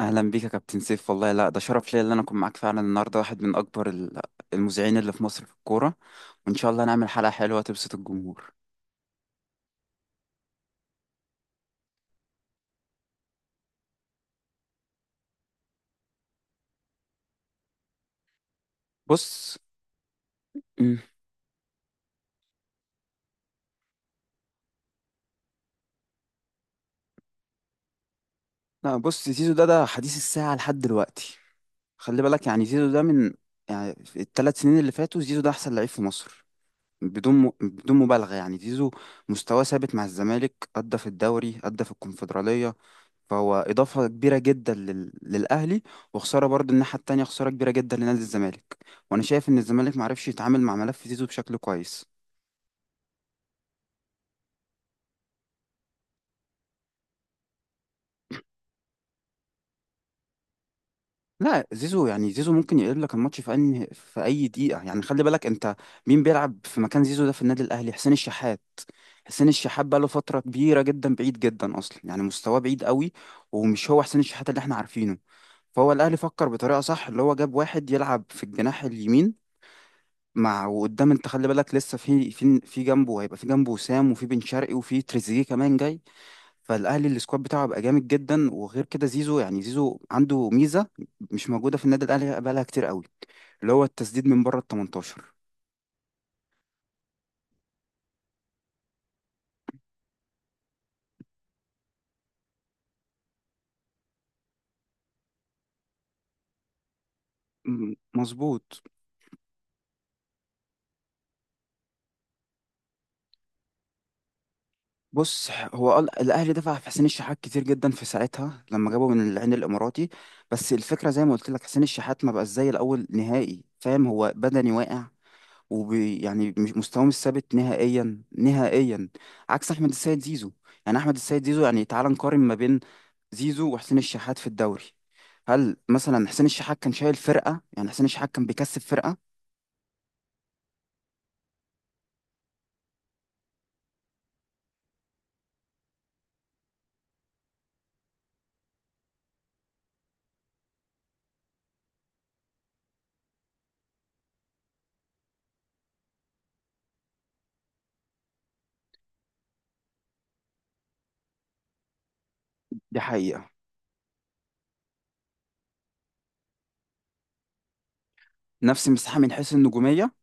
اهلا بيك يا كابتن سيف، والله لا، ده شرف ليا ان انا اكون معاك فعلا النهارده. واحد من اكبر المذيعين اللي في مصر في الكوره، وان شاء الله نعمل حلقه حلوه تبسط الجمهور. بص. مم. لا، بص، زيزو ده حديث الساعه لحد دلوقتي. خلي بالك، يعني زيزو ده من، يعني ال 3 سنين اللي فاتوا زيزو ده احسن لعيب في مصر، بدون مبالغه. يعني زيزو مستواه ثابت مع الزمالك، ادى في الدوري، ادى في الكونفدراليه، فهو إضافة كبيرة جدا للأهلي، وخسارة برضه الناحية التانية، خسارة كبيرة جدا لنادي الزمالك. وأنا شايف إن الزمالك معرفش يتعامل مع ملف زيزو بشكل كويس. لا، زيزو يعني زيزو ممكن يقلب لك الماتش في أي دقيقة. يعني خلي بالك أنت مين بيلعب في مكان زيزو ده في النادي الأهلي؟ حسين الشحات. حسين الشحات بقى له فترة كبيرة جدا بعيد جدا أصلا، يعني مستواه بعيد قوي، ومش هو حسين الشحات اللي احنا عارفينه. فهو الأهلي فكر بطريقة صح، اللي هو جاب واحد يلعب في الجناح اليمين مع وقدام. انت خلي بالك لسه في جنبه هيبقى في جنبه وسام، وفي بن شرقي، وفي تريزيجيه كمان جاي. فالاهلي السكواد بتاعه هيبقى جامد جدا. وغير كده زيزو، يعني زيزو عنده ميزه مش موجوده في النادي الاهلي بقالها كتير قوي، اللي هو التسديد من بره ال 18. مظبوط. بص، الاهلي دفع في حسين الشحات كتير جدا في ساعتها لما جابه من العين الاماراتي. بس الفكره زي ما قلت لك، حسين الشحات ما بقاش زي الاول نهائي، فاهم؟ هو بدني واقع، وبي يعني مستواه مش ثابت نهائيا نهائيا، عكس احمد السيد زيزو. يعني احمد السيد زيزو، يعني تعال نقارن ما بين زيزو وحسين الشحات في الدوري. هل مثلا حسين الشحات كان شايل فرقة؟ يعني حسين الشحات كان بيكسب فرقة؟ دي حقيقة. نفس المساحة من حيث النجومية.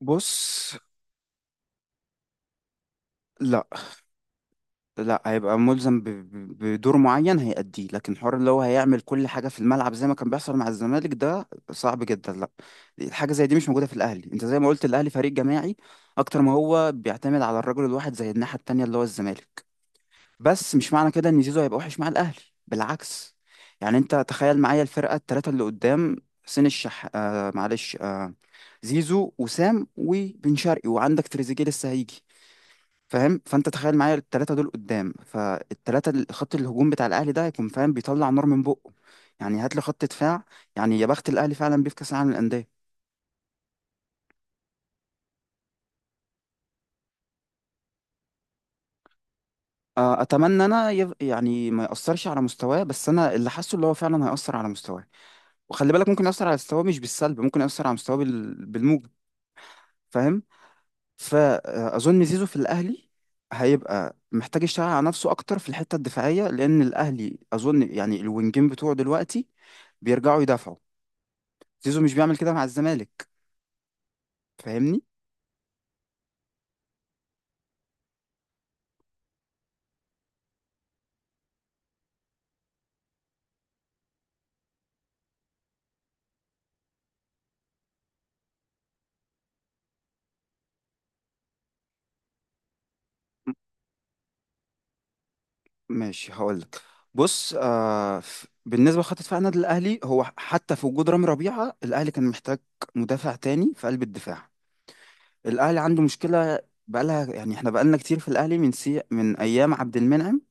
بص، لا، لا هيبقى ملزم بدور معين هيأديه، لكن حوار اللي هو هيعمل كل حاجة في الملعب زي ما كان بيحصل مع الزمالك ده صعب جدا. لا، الحاجة زي دي مش موجودة في الأهلي. انت زي ما قلت، الأهلي فريق جماعي أكتر ما هو بيعتمد على الرجل الواحد، زي الناحية التانية اللي هو الزمالك. بس مش معنى كده إن زيزو هيبقى وحش مع الأهلي، بالعكس. يعني انت تخيل معايا الفرقة التلاتة اللي قدام، حسين الشح آه معلش آه زيزو وسام وبن شرقي، وعندك تريزيجيه لسه هيجي، فاهم؟ فانت تخيل معايا الثلاثه دول قدام، فالثلاثه خط الهجوم بتاع الاهلي ده هيكون، فاهم، بيطلع نار من بقه. يعني هات لي خط دفاع، يعني يا بخت الاهلي فعلا بيه في كاس العالم للانديه. آه، اتمنى انا يعني ما ياثرش على مستواه، بس انا اللي حاسه اللي هو فعلا هياثر على مستواه. وخلي بالك ممكن ياثر على مستواه مش بالسلب، ممكن ياثر على مستواه بالموجب، فاهم؟ فاظن زيزو في الاهلي هيبقى محتاج يشتغل على نفسه اكتر في الحته الدفاعيه، لان الاهلي اظن يعني الوينجين بتوعه دلوقتي بيرجعوا يدافعوا. زيزو مش بيعمل كده مع الزمالك، فاهمني؟ م- ماشي، هقول لك. بص، آه، بالنسبه لخط دفاع النادي الاهلي، هو حتى في وجود رامي ربيعه الاهلي كان محتاج مدافع تاني في قلب الدفاع. الاهلي عنده مشكله بقالها، يعني احنا بقالنا كتير في الاهلي، من ايام عبد المنعم،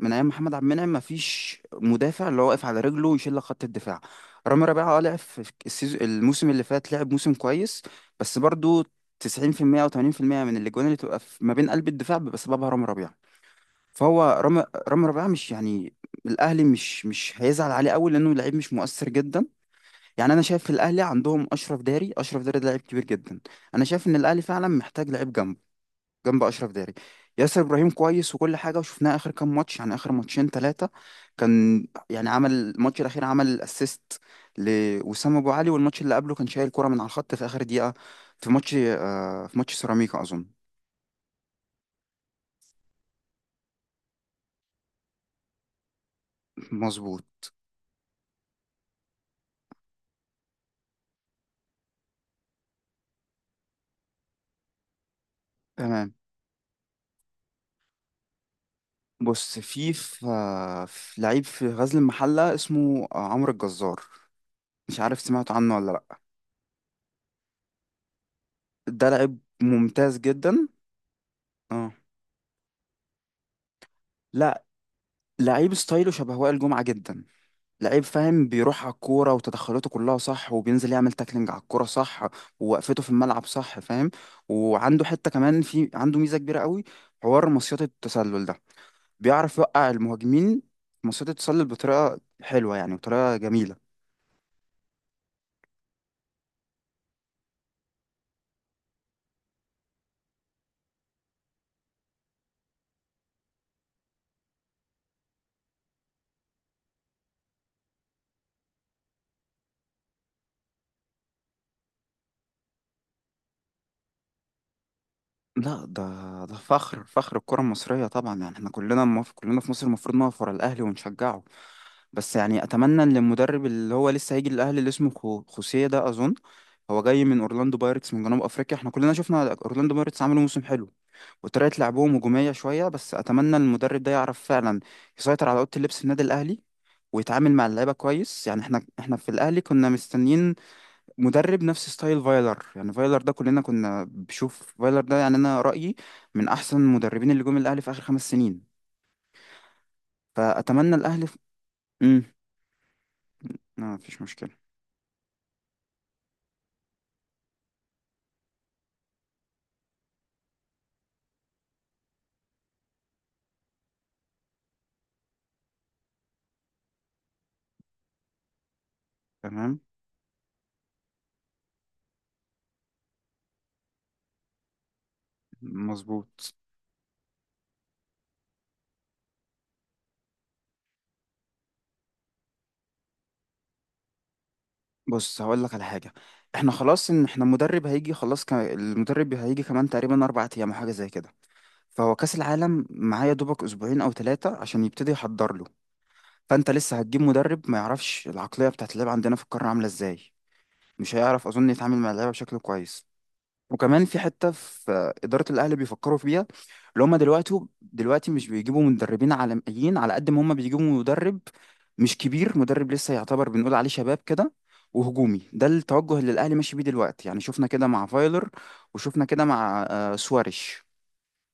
من ايام محمد عبد المنعم مفيش مدافع اللي هو واقف على رجله ويشيل لك خط الدفاع. رامي ربيعه اه لعب في الموسم اللي فات لعب موسم كويس، بس برضو 90% او 80% من الاجوان اللي تبقى في ما بين قلب الدفاع بيبقى سببها رامي ربيعه. فهو رامي ربيعه مش يعني، الاهلي مش هيزعل عليه قوي لانه لعيب مش مؤثر جدا. يعني انا شايف في الاهلي عندهم اشرف داري، اشرف داري ده لعيب كبير جدا. انا شايف ان الاهلي فعلا محتاج لعيب جنبه، جنب اشرف داري. ياسر ابراهيم كويس وكل حاجه، وشفناه اخر كام ماتش، يعني اخر ماتشين ثلاثه كان يعني عمل الماتش الاخير عمل اسيست لوسام ابو علي، والماتش اللي قبله كان شايل كرة من على الخط في اخر دقيقه في ماتش، آه، في ماتش سيراميكا اظن. مظبوط. تمام. بص، في لعيب في غزل المحله اسمه، آه، عمرو الجزار، مش عارف سمعت عنه ولا لا. ده لعيب ممتاز جدا. اه. لا، لعيب ستايله شبه وائل جمعه جدا، لعيب فاهم، بيروح على الكورة وتدخلاته كلها صح، وبينزل يعمل تاكلينج على الكورة صح، ووقفته في الملعب صح، فاهم؟ وعنده حتة كمان، في عنده ميزة كبيرة قوي، حوار مصيدة التسلل ده، بيعرف يوقع المهاجمين مصيدة التسلل بطريقة حلوة، يعني بطريقة جميلة. لا، ده ده فخر، فخر الكرة المصرية طبعا، يعني احنا كلنا كلنا في مصر المفروض نقف ورا الأهلي ونشجعه. بس يعني أتمنى إن المدرب اللي هو لسه هيجي للأهلي اللي اسمه خوسيه ده أظن، هو جاي من أورلاندو بايرتس من جنوب أفريقيا. احنا كلنا شفنا أورلاندو بايرتس عملوا موسم حلو، وطريقة لعبهم هجومية شوية، بس أتمنى إن المدرب ده يعرف فعلا يسيطر على أوضة اللبس في النادي الأهلي، ويتعامل مع اللعيبة كويس. يعني احنا في الأهلي كنا مستنيين مدرب نفس ستايل فايلر. يعني فايلر ده كلنا كنا بنشوف فايلر ده، يعني انا رأيي من احسن المدربين اللي جم الاهلي في اخر 5 سنين. فاتمنى الاهلي في... امم ما فيش مشكلة. تمام. مظبوط. بص، هقول لك على حاجة. احنا خلاص، ان احنا المدرب هيجي خلاص، المدرب هيجي كمان تقريبا 4 ايام او حاجة زي كده. فهو كأس العالم معايا دوبك اسبوعين او ثلاثة عشان يبتدي يحضر له. فانت لسه هتجيب مدرب ما يعرفش العقلية بتاعت اللعب عندنا في القارة عاملة ازاي، مش هيعرف اظن يتعامل مع اللعيبة بشكل كويس. وكمان في حته في اداره الاهلي بيفكروا فيها، اللي هم دلوقتي مش بيجيبوا مدربين عالميين على قد ما هم بيجيبوا مدرب مش كبير، مدرب لسه يعتبر بنقول عليه شباب كده، وهجومي. ده التوجه اللي الاهلي ماشي بيه دلوقتي. يعني شفنا كده مع فايلر، وشفنا كده مع، آه، سواريش.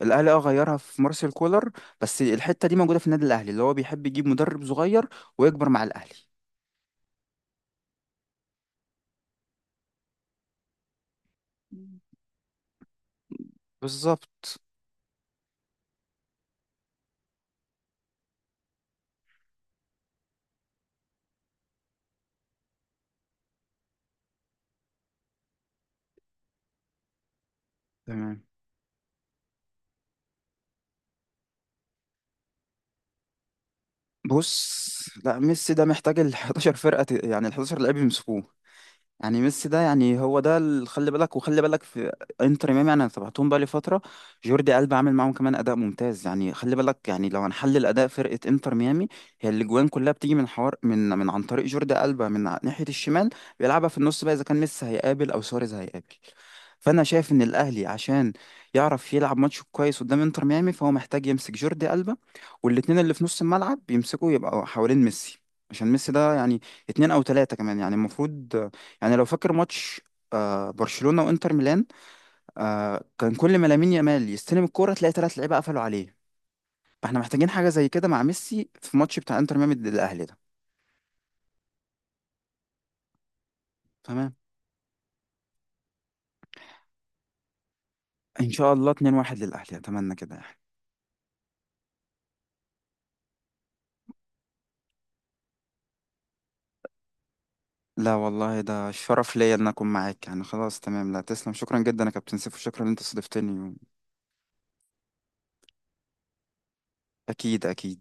الاهلي اه غيرها في مارسيل كولر. بس الحته دي موجوده في النادي الاهلي، اللي هو بيحب يجيب مدرب صغير ويكبر مع الاهلي. بالظبط. تمام. بص، لا، ميسي ده محتاج ال 11 يعني ال 11 لعيب يمسكوه. يعني ميسي ده، يعني هو ده اللي خلي بالك، وخلي بالك في انتر ميامي. يعني انا تابعتهم بقى لي فتره، جوردي ألبا عامل معاهم كمان اداء ممتاز. يعني خلي بالك، يعني لو هنحلل اداء فرقه انتر ميامي، هي الاجوان كلها بتيجي من حوار، من عن طريق جوردي ألبا من ناحيه الشمال، بيلعبها في النص بقى، اذا كان ميسي هيقابل او سواريز هيقابل. فانا شايف ان الاهلي عشان يعرف يلعب ماتش كويس قدام انتر ميامي، فهو محتاج يمسك جوردي ألبا، والاتنين اللي في نص الملعب يمسكوا يبقوا حوالين ميسي. عشان ميسي ده يعني اتنين او تلاتة كمان يعني المفروض، يعني لو فاكر ماتش، آه، برشلونة وانتر ميلان، آه، كان كل ما لامين يامال يستلم الكورة تلاقي ثلاث لعيبة قفلوا عليه. فاحنا محتاجين حاجة زي كده مع ميسي في ماتش بتاع انتر ميامي ضد الاهلي ده. تمام. ان شاء الله 2-1 للاهلي، اتمنى كده يعني. لا والله، ده شرف ليا ان اكون معاك يعني. خلاص تمام، لا تسلم، شكرا جدا يا كابتن سيف، وشكرا ان انت استضفتني. اكيد اكيد.